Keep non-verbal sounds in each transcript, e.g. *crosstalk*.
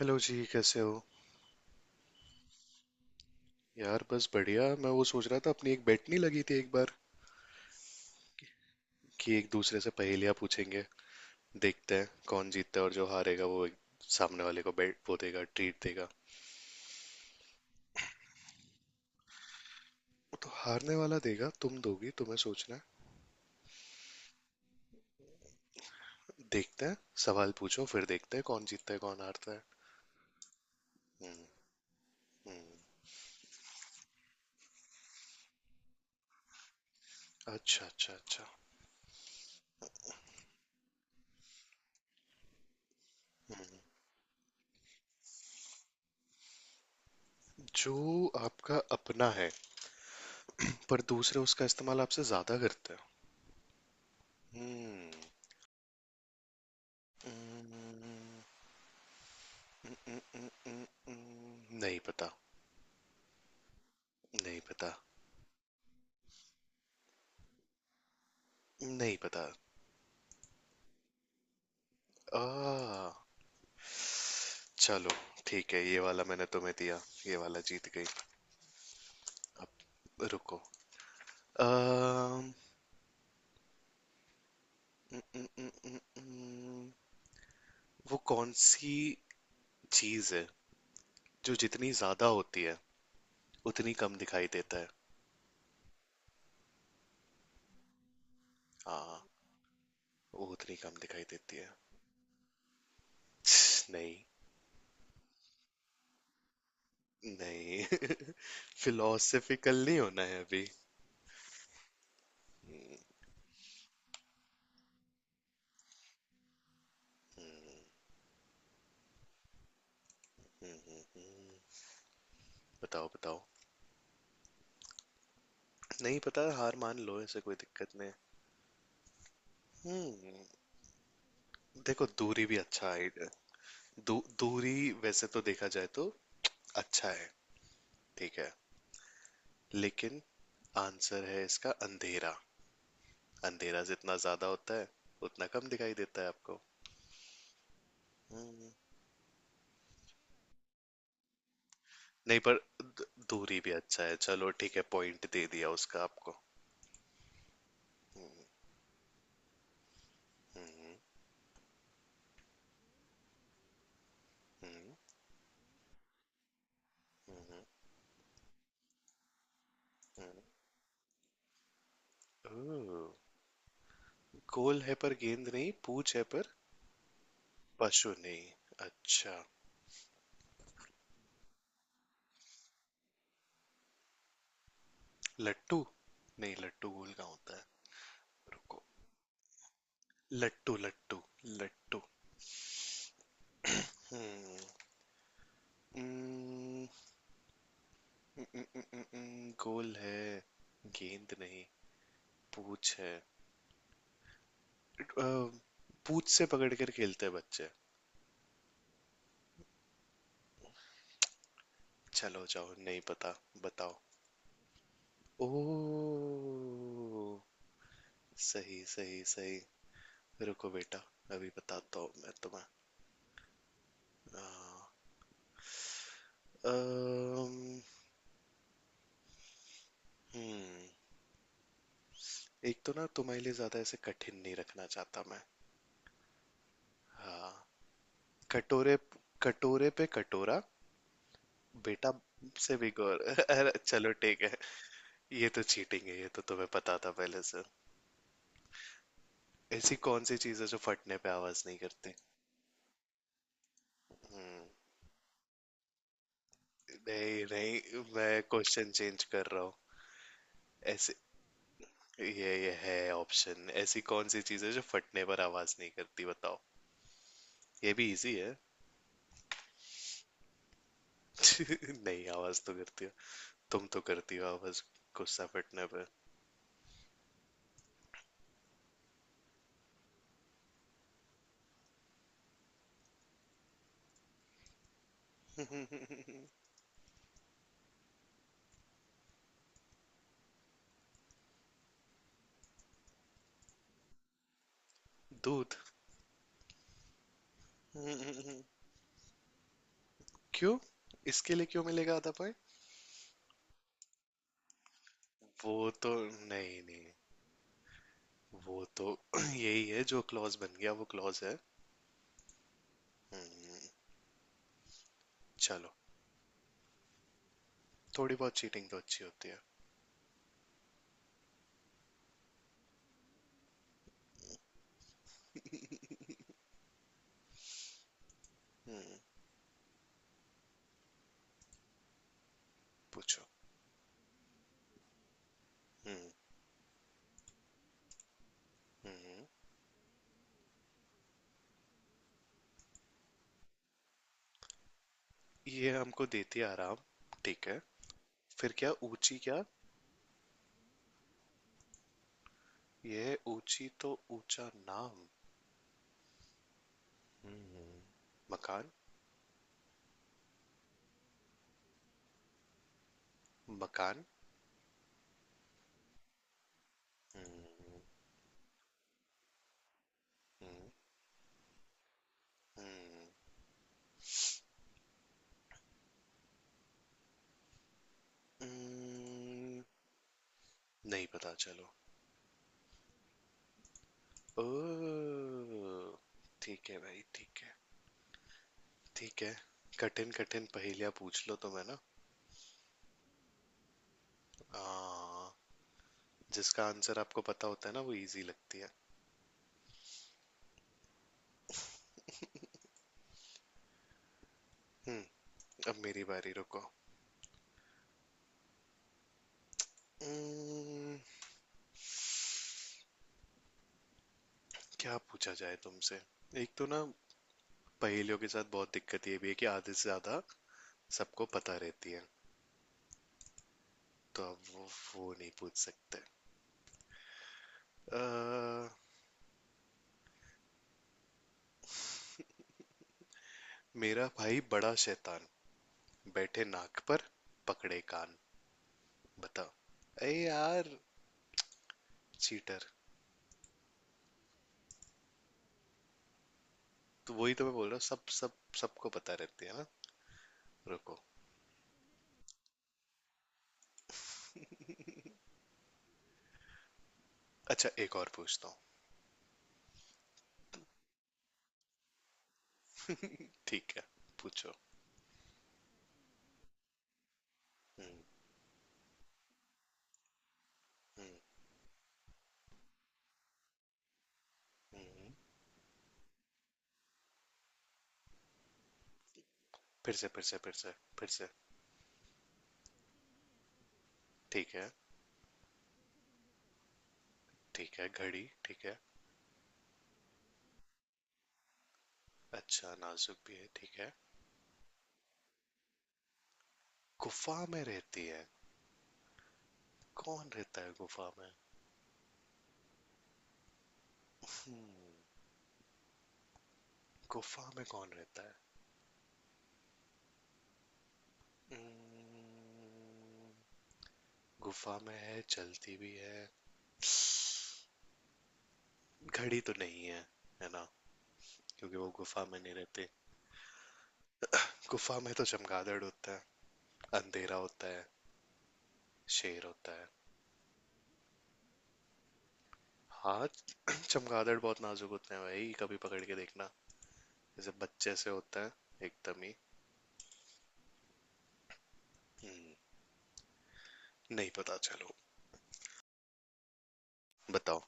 Hello जी, कैसे हो? यार, बस बढ़िया। मैं वो सोच रहा था, अपनी एक बेट नहीं लगी थी एक बार कि एक दूसरे से पहेलियां पूछेंगे, देखते हैं कौन जीतता है, और जो हारेगा वो एक सामने वाले को बेट, वो देगा, ट्रीट देगा वो। तो हारने वाला देगा, तुम दोगी, तुम्हें सोचना है। देखते हैं। सवाल पूछो, फिर देखते हैं कौन जीतता है कौन हारता है। हम्म। हम्म। अच्छा, अच्छा, अच्छा। जो आपका अपना है पर दूसरे उसका इस्तेमाल आपसे ज्यादा करते हैं। हम्म। हम्म, हम्म, हम्म, हम्म, हम्म, हम्म, हम्म, हम्म, हम्म, नहीं पता। नहीं पता। नहीं पता। आ चलो, ठीक है, ये वाला मैंने तुम्हें दिया, ये वाला जीत गई। अब रुको। अम, न, न, न, न, न, वो कौन सी चीज है जो जितनी ज्यादा होती है उतनी कम दिखाई देता है? हाँ, वो उतनी कम दिखाई देती है। नहीं। नहीं। *laughs* फिलोसफिकल नहीं होना है अभी। हम्म, हम्म, हम्म, बताओ, बताओ। नहीं पता, हार मान लो, ऐसे कोई दिक्कत नहीं। हम्म। देखो, दूरी भी अच्छा है। दू, दूरी वैसे तो देखा जाए तो अच्छा है, ठीक है, लेकिन आंसर है इसका अंधेरा। अंधेरा जितना ज्यादा होता है उतना कम दिखाई देता है आपको। हम्म, नहीं, पर दूरी भी अच्छा है, चलो ठीक है, पॉइंट दे दिया उसका आपको। हम्म, हम्म, हम्म, हम्म। ओह, गोल है पर गेंद नहीं, पूछ है पर पशु नहीं। अच्छा। लट्टू। नहीं, लट्टू गोल का होता है। रुको। लट्टू, लट्टू। लट्टू। हम्म। हम्म, गोल है, गेंद नहीं, पूछ है, अ, पूछ से पकड़ कर खेलते हैं बच्चे। चलो जाओ, नहीं पता, बताओ। ओ, सही, सही, सही। रुको बेटा, अभी बताता हूँ मैं तुम्हें। अ, अम, हम्म। एक तो ना, तुम्हारे लिए ज्यादा ऐसे कठिन नहीं रखना चाहता मैं। हाँ, कटोरे, कटोरे पे कटोरा, बेटा से भी गौर *laughs* अरे चलो ठीक है। ये तो चीटिंग है, ये तो तुम्हें पता था पहले से। ऐसी कौन सी चीज़ है जो फटने पे आवाज नहीं करती? हम्म। नहीं नहीं, मैं क्वेश्चन चेंज कर रहा हूँ। ऐसे, ये है ऑप्शन। ऐसी कौन सी चीज़ है जो फटने पर आवाज नहीं करती, बताओ। ये भी इजी है। *laughs* नहीं, आवाज तो करती हो, तुम तो करती हो आवाज, गुस्सा फटने पर। *laughs* दूध। *laughs* क्यों? इसके लिए क्यों मिलेगा आधा पॉइंट? वो तो नहीं नहीं, वो तो *clears throat* यही है, जो क्लॉज बन गया वो क्लॉज है। हम्म, चलो। थोड़ी बहुत चीटिंग तो अच्छी होती है। पूछो। हम्म, हम्म, ये हमको देती है आराम, ठीक है, फिर क्या ऊंची क्या, ये है ऊंची तो ऊंचा नाम। हम्म, मकान। मकान। हम्म, हम्म, हम्म, हम्म, नहीं पता चलो। ओ, ठीक है भाई, ठीक है, ठीक है। कठिन कठिन पहेलियां पूछ लो तो मैं ना, आ, जिसका आंसर आपको पता होता है ना वो इजी लगती है। हम्म। अब मेरी बारी, रुको। Hmm, क्या पूछा जाए तुमसे? एक तो ना, पहेलियों के साथ बहुत दिक्कत ये भी है कि आधे से ज्यादा सबको पता रहती है, तो अब वो नहीं पूछ सकते। अह, मेरा भाई बड़ा शैतान, बैठे नाक पर, पकड़े कान, बताओ। अरे यार, चीटर! तो वही तो मैं बोल रहा हूँ, सब सब सबको पता रहती है ना। रुको। अच्छा, एक और पूछता हूँ। ठीक है, पूछो। हम्म, हम्म, हम्म, फिर से, फिर से, फिर से, फिर से। ठीक है, ठीक है घड़ी, ठीक है। अच्छा, नाजुक भी है, ठीक है, गुफा में रहती है। कौन रहता है गुफा में? गुफा में कौन रहता है? Hmm, गुफा में है, चलती भी है, घड़ी तो नहीं है, है ना? क्योंकि वो गुफा में नहीं रहती। गुफा में तो चमगादड़ होता है, अंधेरा होता है, शेर होता है। हाँ। *clears throat* चमगादड़ बहुत नाजुक होते हैं भाई, कभी पकड़ के देखना, जैसे बच्चे से होता है, एकदम ही। Hmm, नहीं पता, चलो, बताओ।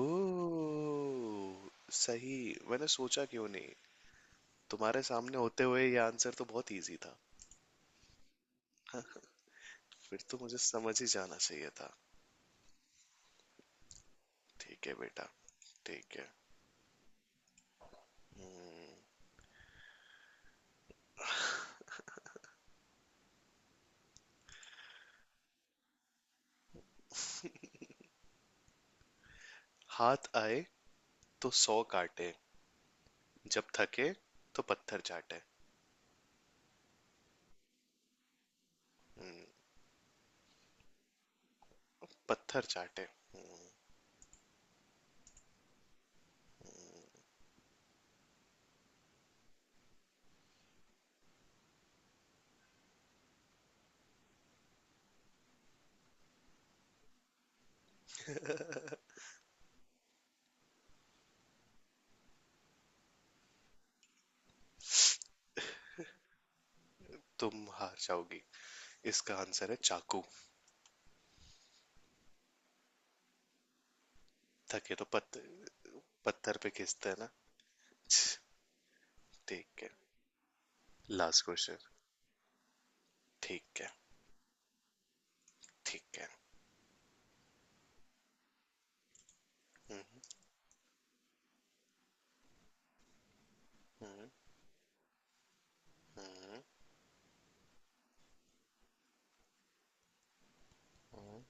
ओह, सही। मैंने सोचा क्यों नहीं, तुम्हारे सामने होते हुए ये आंसर तो बहुत इजी था। फिर तो मुझे समझ ही जाना चाहिए था। ठीक है बेटा, ठीक है। हम्म, हाथ आए तो 100 काटे, जब थके तो पत्थर चाटे। हम्म, पत्थर चाटे। तुम हार जाओगी, इसका आंसर है चाकू। थके तो पत्थर पे खींचते हैं ना। छ, ठीक है, लास्ट क्वेश्चन। ठीक है, ठीक है। हम्म, हम्म, हम्म,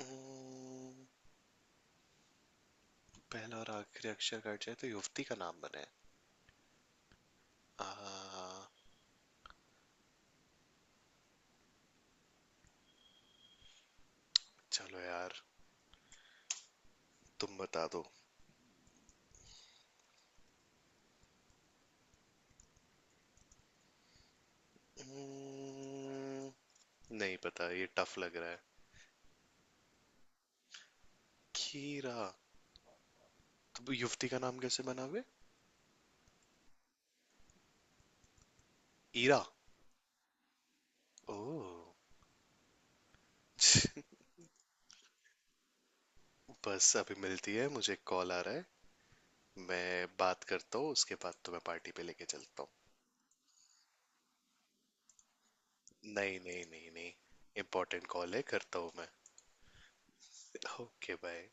हम्म। पहला और आखिरी अक्षर कट जाए तो युवती का नाम बने। आ, चलो यार, तुम बता दो। हम्म, नहीं पता, ये टफ लग रहा है। खीरा? तो युवती का नाम कैसे बना बे? ईरा। ओह। *laughs* बस अभी मिलती है, मुझे कॉल आ रहा है, मैं बात करता हूँ, उसके बाद तो मैं पार्टी पे लेके चलता हूँ। नहीं नहीं नहीं नहीं। इम्पोर्टेंट कॉल है, करता हूँ मैं। Okay, bye.